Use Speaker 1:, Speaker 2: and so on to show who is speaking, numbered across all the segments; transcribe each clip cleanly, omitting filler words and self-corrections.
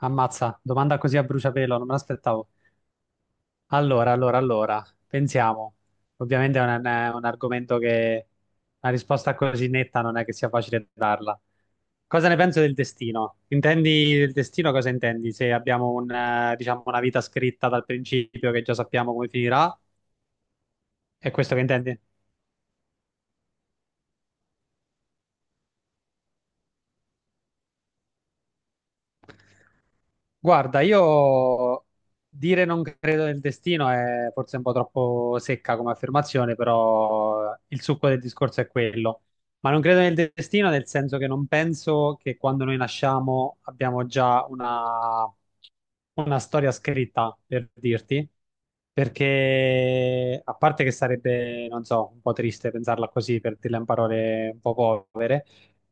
Speaker 1: Ammazza, domanda così a bruciapelo, non me l'aspettavo. Allora, pensiamo. Ovviamente è un argomento che una risposta così netta non è che sia facile darla. Cosa ne penso del destino? Intendi del destino cosa intendi? Se abbiamo diciamo, una vita scritta dal principio che già sappiamo come finirà, è questo che intendi? Guarda, io dire non credo nel destino è forse un po' troppo secca come affermazione, però il succo del discorso è quello. Ma non credo nel destino nel senso che non penso che quando noi nasciamo abbiamo già una storia scritta, per dirti, perché a parte che sarebbe, non so, un po' triste pensarla così, per dirla in parole un po' povere.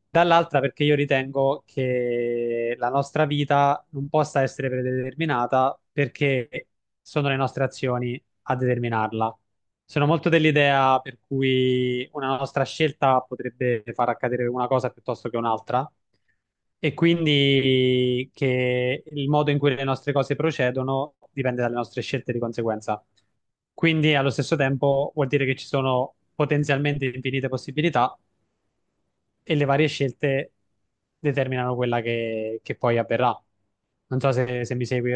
Speaker 1: Dall'altra perché io ritengo che la nostra vita non possa essere predeterminata perché sono le nostre azioni a determinarla. Sono molto dell'idea per cui una nostra scelta potrebbe far accadere una cosa piuttosto che un'altra e quindi che il modo in cui le nostre cose procedono dipende dalle nostre scelte di conseguenza. Quindi allo stesso tempo vuol dire che ci sono potenzialmente infinite possibilità e le varie scelte determinano quella che poi avverrà. Non so se mi segui.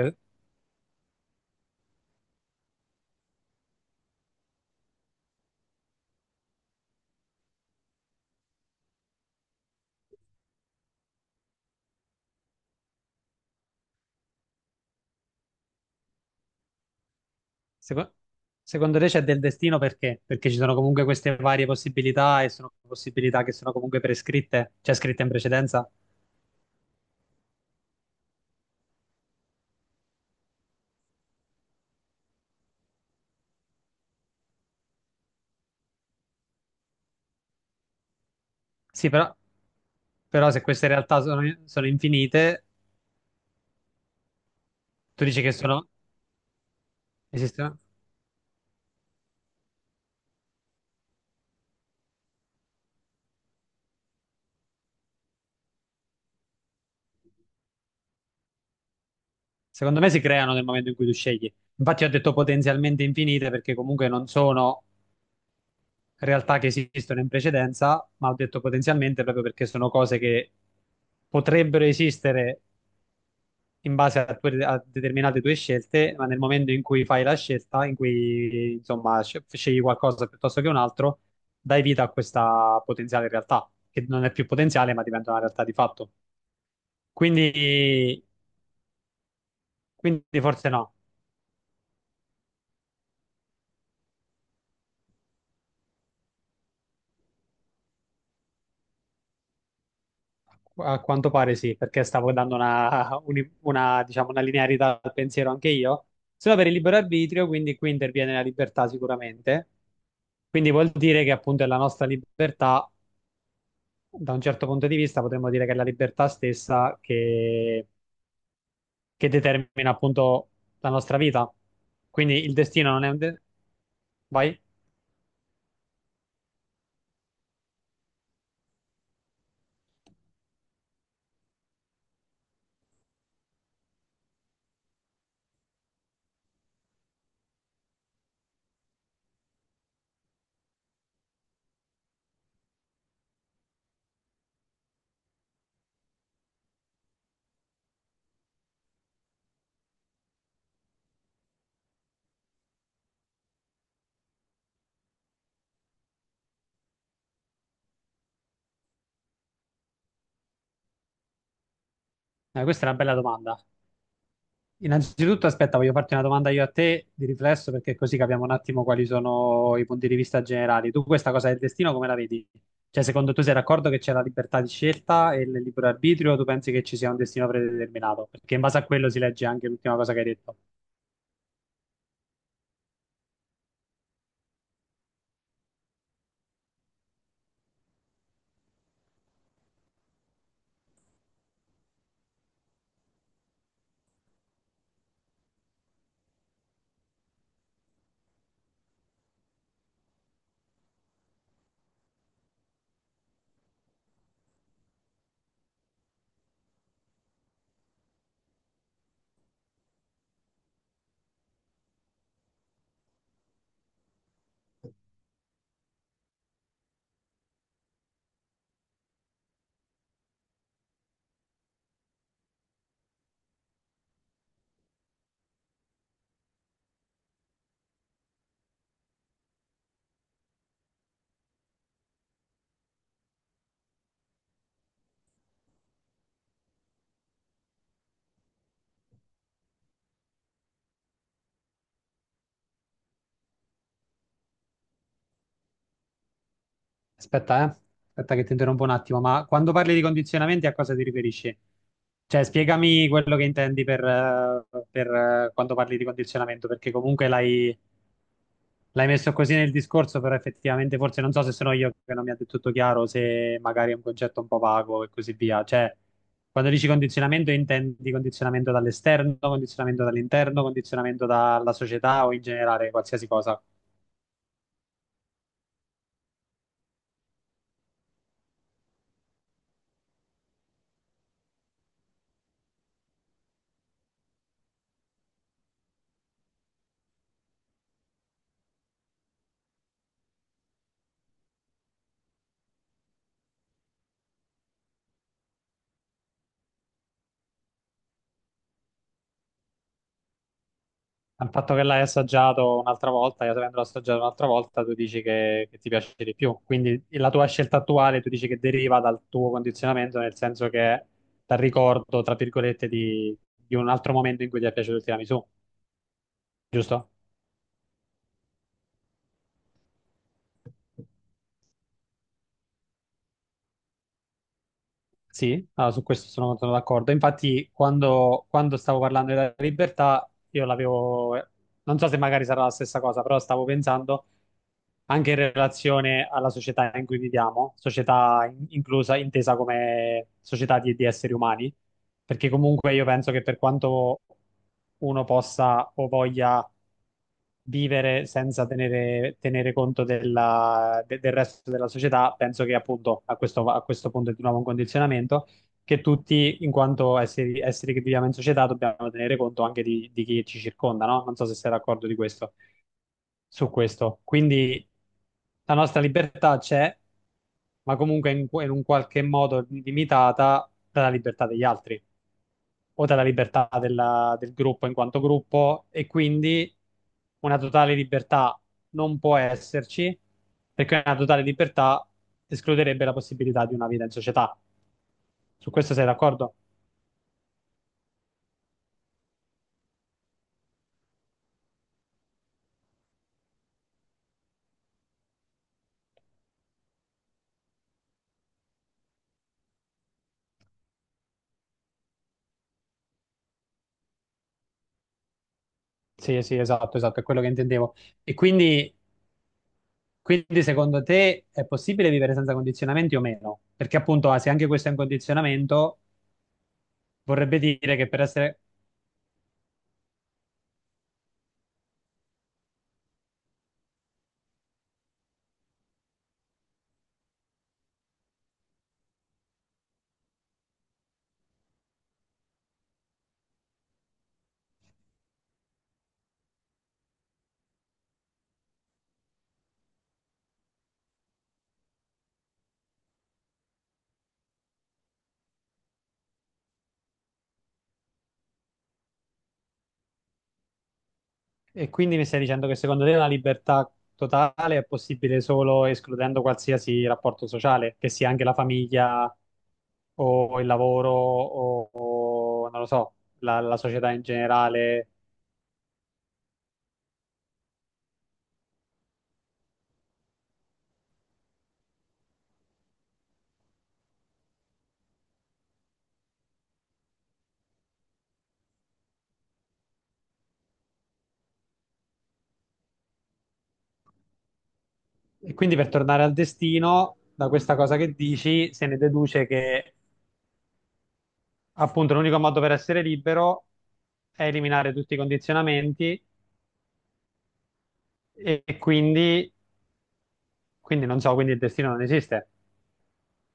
Speaker 1: Seco- secondo te c'è del destino perché? Perché ci sono comunque queste varie possibilità e sono possibilità che sono comunque prescritte, cioè scritte in precedenza. Sì, però, però se queste realtà sono infinite, tu dici che esistono? Secondo me si creano nel momento in cui tu scegli. Infatti ho detto potenzialmente infinite perché comunque non sono realtà che esistono in precedenza, ma ho detto potenzialmente proprio perché sono cose che potrebbero esistere in base a determinate tue scelte, ma nel momento in cui fai la scelta, in cui insomma scegli qualcosa piuttosto che un altro, dai vita a questa potenziale realtà, che non è più potenziale, ma diventa una realtà di fatto. Quindi, quindi forse no. A quanto pare sì, perché stavo dando una, diciamo, una linearità al pensiero anche io. Solo per il libero arbitrio, quindi qui interviene la libertà sicuramente. Quindi vuol dire che appunto è la nostra libertà, da un certo punto di vista potremmo dire che è la libertà stessa che determina appunto la nostra vita. Quindi il destino non è un. Vai? Questa è una bella domanda. Innanzitutto, aspetta, voglio farti una domanda io a te di riflesso perché così capiamo un attimo quali sono i punti di vista generali. Tu questa cosa del destino come la vedi? Cioè, secondo tu sei d'accordo che c'è la libertà di scelta e il libero arbitrio o tu pensi che ci sia un destino predeterminato? Perché in base a quello si legge anche l'ultima cosa che hai detto. Aspetta, eh. Aspetta che ti interrompo un attimo, ma quando parli di condizionamenti a cosa ti riferisci? Cioè, spiegami quello che intendi quando parli di condizionamento, perché comunque l'hai messo così nel discorso, però effettivamente forse non so se sono io che non mi ha detto tutto chiaro, se magari è un concetto un po' vago e così via. Cioè, quando dici condizionamento intendi condizionamento dall'esterno, condizionamento dall'interno, condizionamento dalla società o in generale qualsiasi cosa. Al fatto che l'hai assaggiato un'altra volta, io avendolo assaggiato un'altra volta, tu dici che ti piace di più. Quindi la tua scelta attuale, tu dici che deriva dal tuo condizionamento, nel senso che è dal ricordo, tra virgolette, di un altro momento in cui ti è piaciuto il tiramisù, giusto? Sì, ah, su questo sono, sono d'accordo. Infatti, quando stavo parlando della libertà, io l'avevo, non so se magari sarà la stessa cosa, però stavo pensando anche in relazione alla società in cui viviamo, società inclusa, intesa come società di esseri umani, perché comunque io penso che per quanto uno possa o voglia vivere senza tenere conto del resto della società, penso che appunto a questo punto è di nuovo un condizionamento che tutti, in quanto esseri che viviamo in società, dobbiamo tenere conto anche di chi ci circonda, no? Non so se sei d'accordo di questo su questo. Quindi la nostra libertà c'è, ma comunque in un qualche modo limitata dalla libertà degli altri o dalla libertà del gruppo in quanto gruppo e quindi una totale libertà non può esserci perché una totale libertà escluderebbe la possibilità di una vita in società. Su questo sei d'accordo? Sì, sì, esatto, esatto, è quello che intendevo. E quindi Quindi secondo te è possibile vivere senza condizionamenti o meno? Perché appunto, ah, se anche questo è un condizionamento, vorrebbe dire che per essere. E quindi mi stai dicendo che secondo te la libertà totale è possibile solo escludendo qualsiasi rapporto sociale, che sia anche la famiglia o il lavoro o non lo so, la società in generale. E quindi per tornare al destino, da questa cosa che dici, se ne deduce che appunto l'unico modo per essere libero è eliminare tutti i condizionamenti e quindi non so, quindi il destino non esiste.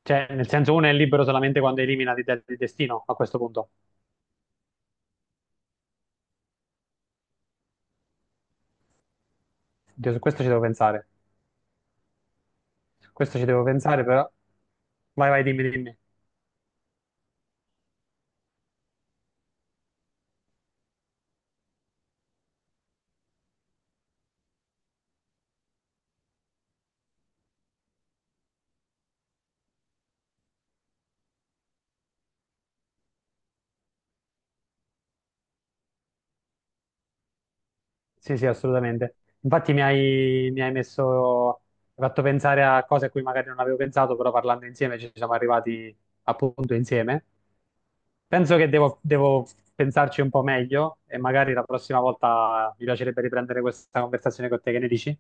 Speaker 1: Cioè, nel senso, uno è libero solamente quando elimina del destino, a questo punto. Oddio, su questo ci devo pensare. Questo ci devo pensare, però. Vai, vai, dimmi, dimmi. Sì, sì, assolutamente. Infatti mi hai messo. Mi hai, fatto pensare a cose a cui magari non avevo pensato, però parlando insieme ci siamo arrivati appunto insieme. Penso che devo pensarci un po' meglio e magari la prossima volta mi piacerebbe riprendere questa conversazione con te, che ne dici?